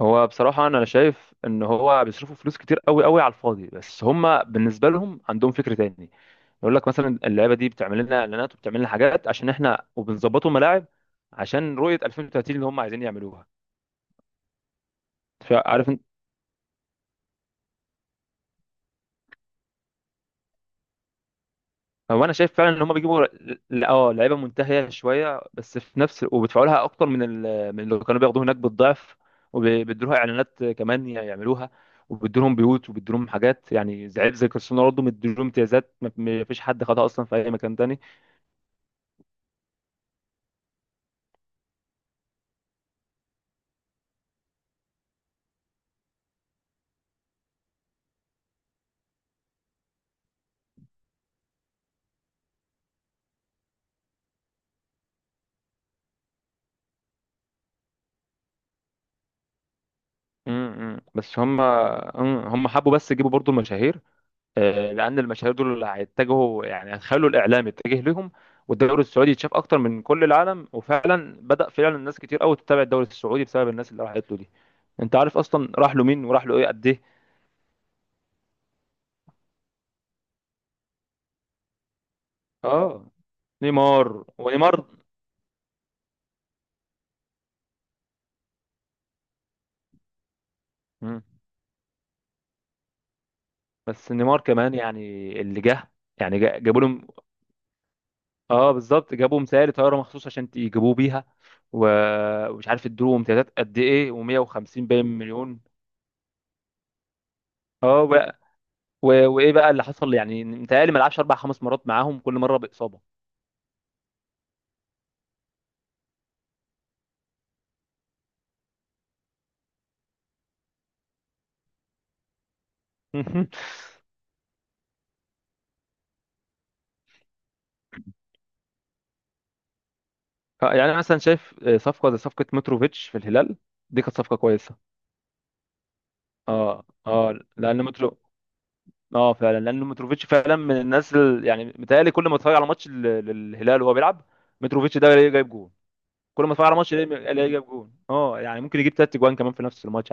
هو بصراحة، أنا شايف إن هو بيصرفوا فلوس كتير قوي قوي على الفاضي، بس هما بالنسبة لهم عندهم فكر تاني. يقول لك مثلا اللعيبة دي بتعمل لنا إعلانات وبتعمل لنا حاجات عشان إحنا وبنظبطوا ملاعب عشان رؤية 2030 اللي هما عايزين يعملوها. فعارف، هو انا شايف فعلا ان هم بيجيبوا لعيبه منتهيه شويه بس في نفس، وبيدفعوا لها اكتر من اللي كانوا بياخدوه هناك بالضعف، وبيدوا لها اعلانات كمان يعملوها، وبيدوا لهم بيوت وبيدوا لهم حاجات، يعني زي كريستيانو رونالدو مدوا لهم امتيازات ما فيش حد خدها اصلا في اي مكان تاني. م- م. بس هم حبوا بس يجيبوا برضو المشاهير، لان المشاهير دول اللي هيتجهوا، يعني هيخلوا الاعلام يتجه ليهم والدوري السعودي يتشاف اكتر من كل العالم. وفعلا بدا فعلا الناس كتير قوي تتابع الدوري السعودي بسبب الناس اللي راحت له دي. انت عارف اصلا راح له مين وراح له ايه قد ايه؟ اه، نيمار ونيمار. مم. بس نيمار كمان يعني، اللي جه، يعني جابوا لهم، اه، بالظبط. جابوا مسائل طياره مخصوص عشان يجيبوه بيها، و- ومش عارف ادوا امتيازات قد ايه و150 باين مليون. اه. و- وايه بقى اللي حصل؟ يعني متهيألي ما لعبش اربع خمس مرات معاهم، كل مره باصابه. يعني انا مثلا شايف صفقه زي صفقه متروفيتش في الهلال دي كانت صفقه كويسه. اه لان مترو، اه، فعلا لان متروفيتش فعلا من الناس. يعني متهيألي كل ما اتفرج على ماتش للهلال وهو بيلعب، متروفيتش ده الاقيه جايب جون. كل ما اتفرج على ماتش الاقيه جايب جون، اه، يعني ممكن يجيب تلات جوان كمان في نفس الماتش.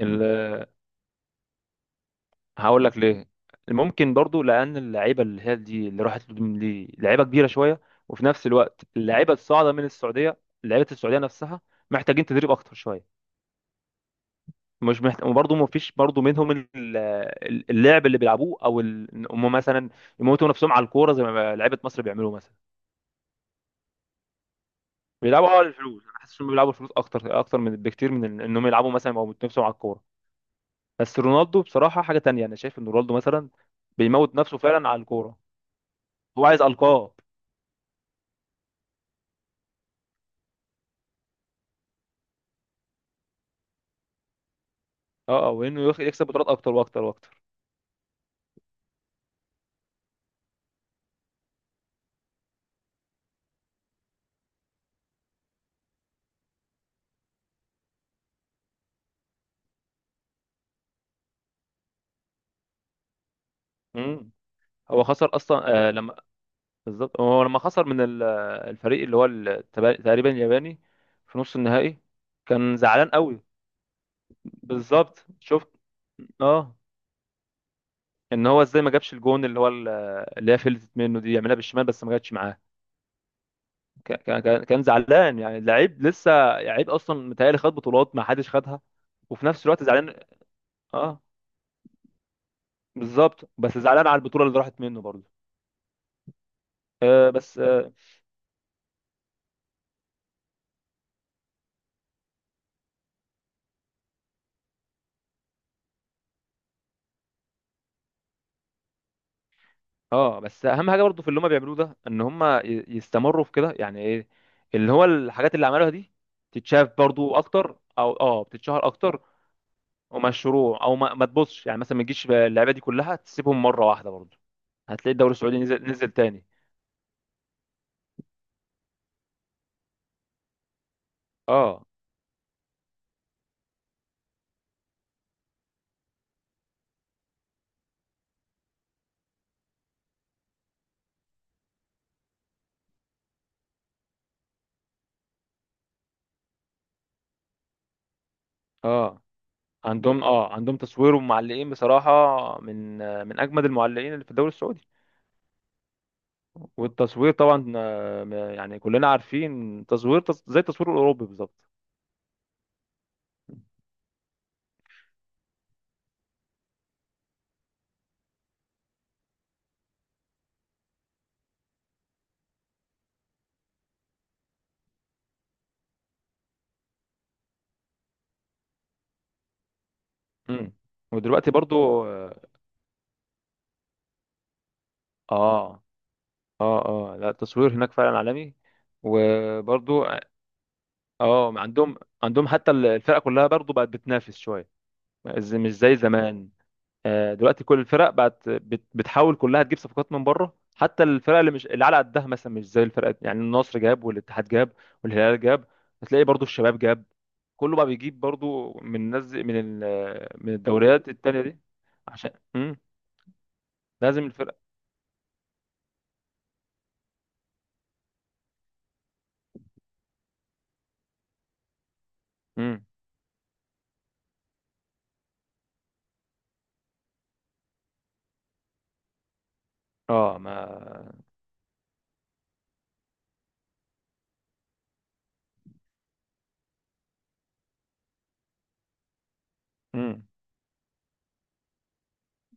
عادي. هقول لك ليه. ممكن برضو لان اللعيبه اللي هي دي اللي راحت له دي لعيبه كبيره شويه، وفي نفس الوقت اللعيبه الصاعده من السعوديه، لعيبه السعوديه نفسها، محتاجين تدريب اكتر شويه. مش محت... وبرضه ما فيش برضه منهم اللعب اللي بيلعبوه او إن هم مثلا يموتوا نفسهم على الكوره زي ما لعيبه مصر بيعملوا مثلا. بيلعبوا، اه، للفلوس. انا حاسس انهم بيلعبوا الفلوس اكتر من بكتير من انهم يلعبوا مثلا او يموتوا نفسهم على الكوره. بس رونالدو بصراحه حاجه تانية، انا شايف ان رونالدو مثلا بيموت نفسه فعلا على الكوره. هو عايز القاه. اه وانه يكسب بطولات اكتر واكتر واكتر. امم. هو خسر اصلا، لما، بالظبط، هو لما خسر من الفريق اللي هو تقريبا الياباني في نص النهائي، كان زعلان قوي. بالظبط شفت، اه، ان هو ازاي ما جابش الجون اللي هو اللي هي فلتت منه دي، يعملها بالشمال بس ما جاتش معاه. كان زعلان يعني. لعيب لسه، لعيب اصلا متهيألي خد بطولات ما حدش خدها، وفي نفس الوقت زعلان. اه، بالظبط. بس زعلان على البطولة اللي راحت منه برضه. آه بس آه، اه، بس اهم حاجه برضو في اللي هم بيعملوه ده، ان هم يستمروا في كده. يعني ايه؟ اللي هو الحاجات اللي عملوها دي تتشاف برضو اكتر، او، اه، بتتشهر اكتر، ومشروع، او ما تبصش يعني، مثلا ما تجيش اللعيبه دي كلها تسيبهم مره واحده. برضو هتلاقي الدوري السعودي نزل تاني. اه. اه، عندهم تصوير ومعلقين بصراحه، من، من اجمد المعلقين اللي في الدوري السعودي. والتصوير طبعا، يعني كلنا عارفين تصوير زي التصوير الاوروبي بالظبط. امم. ودلوقتي برضو. اه اه اه لا، التصوير هناك فعلا عالمي، وبرضو، اه، عندهم حتى الفرق كلها برضو بقت بتنافس شويه، مش زي زمان. دلوقتي كل الفرق بقت بتحاول كلها تجيب صفقات من بره، حتى الفرق اللي مش اللي على قدها مثلا، مش زي الفرق، يعني النصر جاب والاتحاد جاب والهلال جاب. هتلاقي برضو الشباب جاب. كله بقى بيجيب برضو من الناس، من الدوريات التانية دي. عشان لازم الفرق. مم. اه ما مم.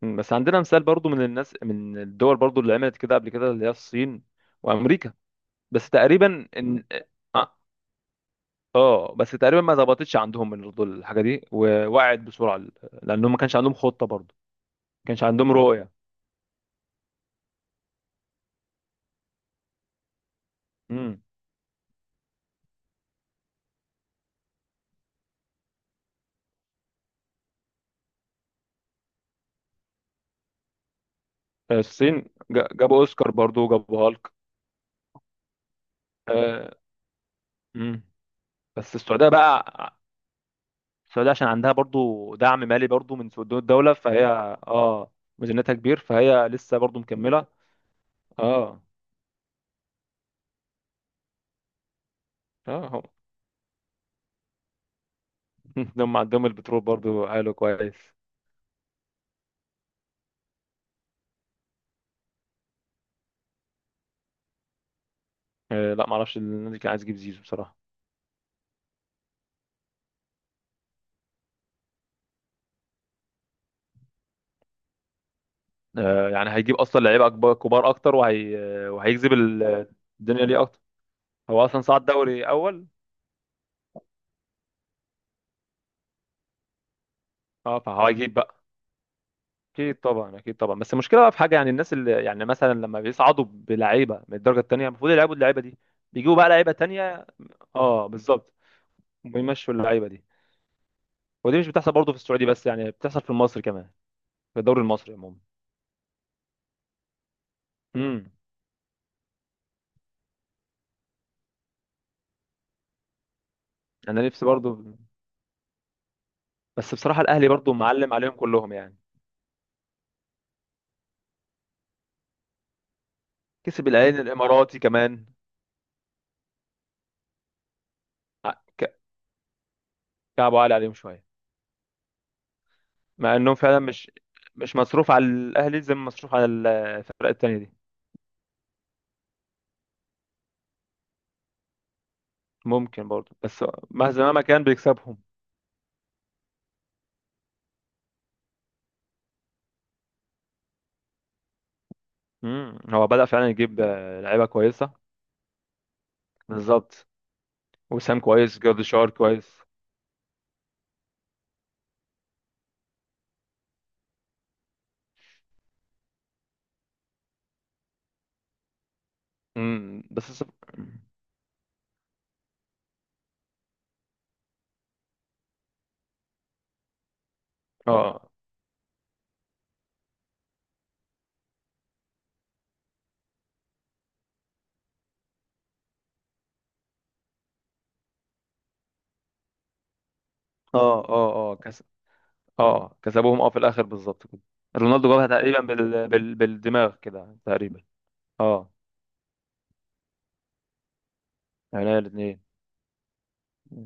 مم، بس عندنا مثال برضو من الناس من الدول برضو اللي عملت كده قبل كده، اللي هي الصين وامريكا. بس تقريبا ان، اه، بس تقريبا ما ظبطتش عندهم من برضو الحاجه دي، ووقعت بسرعه، لانهم ما كانش عندهم خطه برضو، ما كانش عندهم رؤيه. امم. الصين جابوا اوسكار برضو، جابوا هالك. آه، مم. بس السعوديه بقى، السعوديه عشان عندها برضو دعم مالي برضو من صندوق الدوله. فهي، اه، ميزانيتها كبير فهي لسه برضو مكمله. اه. اه. ده هم عندهم البترول برضو حاله كويس. لا، معرفش النادي كان عايز يجيب زيزو بصراحة. يعني هيجيب أصلا لعيبة أكبر، كبار أكتر، وهي، وهيجذب الدنيا ليه أكتر. هو أصلا صعد دوري أول. أه، فهيجيب بقى. أكيد طبعا، أكيد طبعا. بس المشكلة بقى في حاجة، يعني الناس اللي، يعني مثلا لما بيصعدوا بلعيبة من الدرجة التانية، المفروض يلعبوا اللعيبة دي، بيجيبوا بقى لعيبة تانية. أه، بالظبط. ويمشوا اللعيبة دي، ودي مش بتحصل برضو في السعودية بس، يعني بتحصل في مصر كمان، في الدوري المصري عموما. امم. أنا نفسي برضو. بس بصراحة الأهلي برضو معلم عليهم كلهم يعني. كسب العين الإماراتي كمان. ع- ك- كعبوا عالي عليهم شوية، مع إنهم فعلا مش مصروف على الأهلي زي ما مصروف على الفرق التانية دي. ممكن برضو، بس مهما ما كان بيكسبهم. مم. هو بدأ فعلا يجيب، لعيبة كويسة. بالظبط. وسام كويس، جولدشار كويس. بس اه اه كسب، اه، كسبوهم، اه، في الآخر بالظبط كده. رونالدو جابها تقريبا بالدماغ كده تقريبا. اه، يعني الاثنين.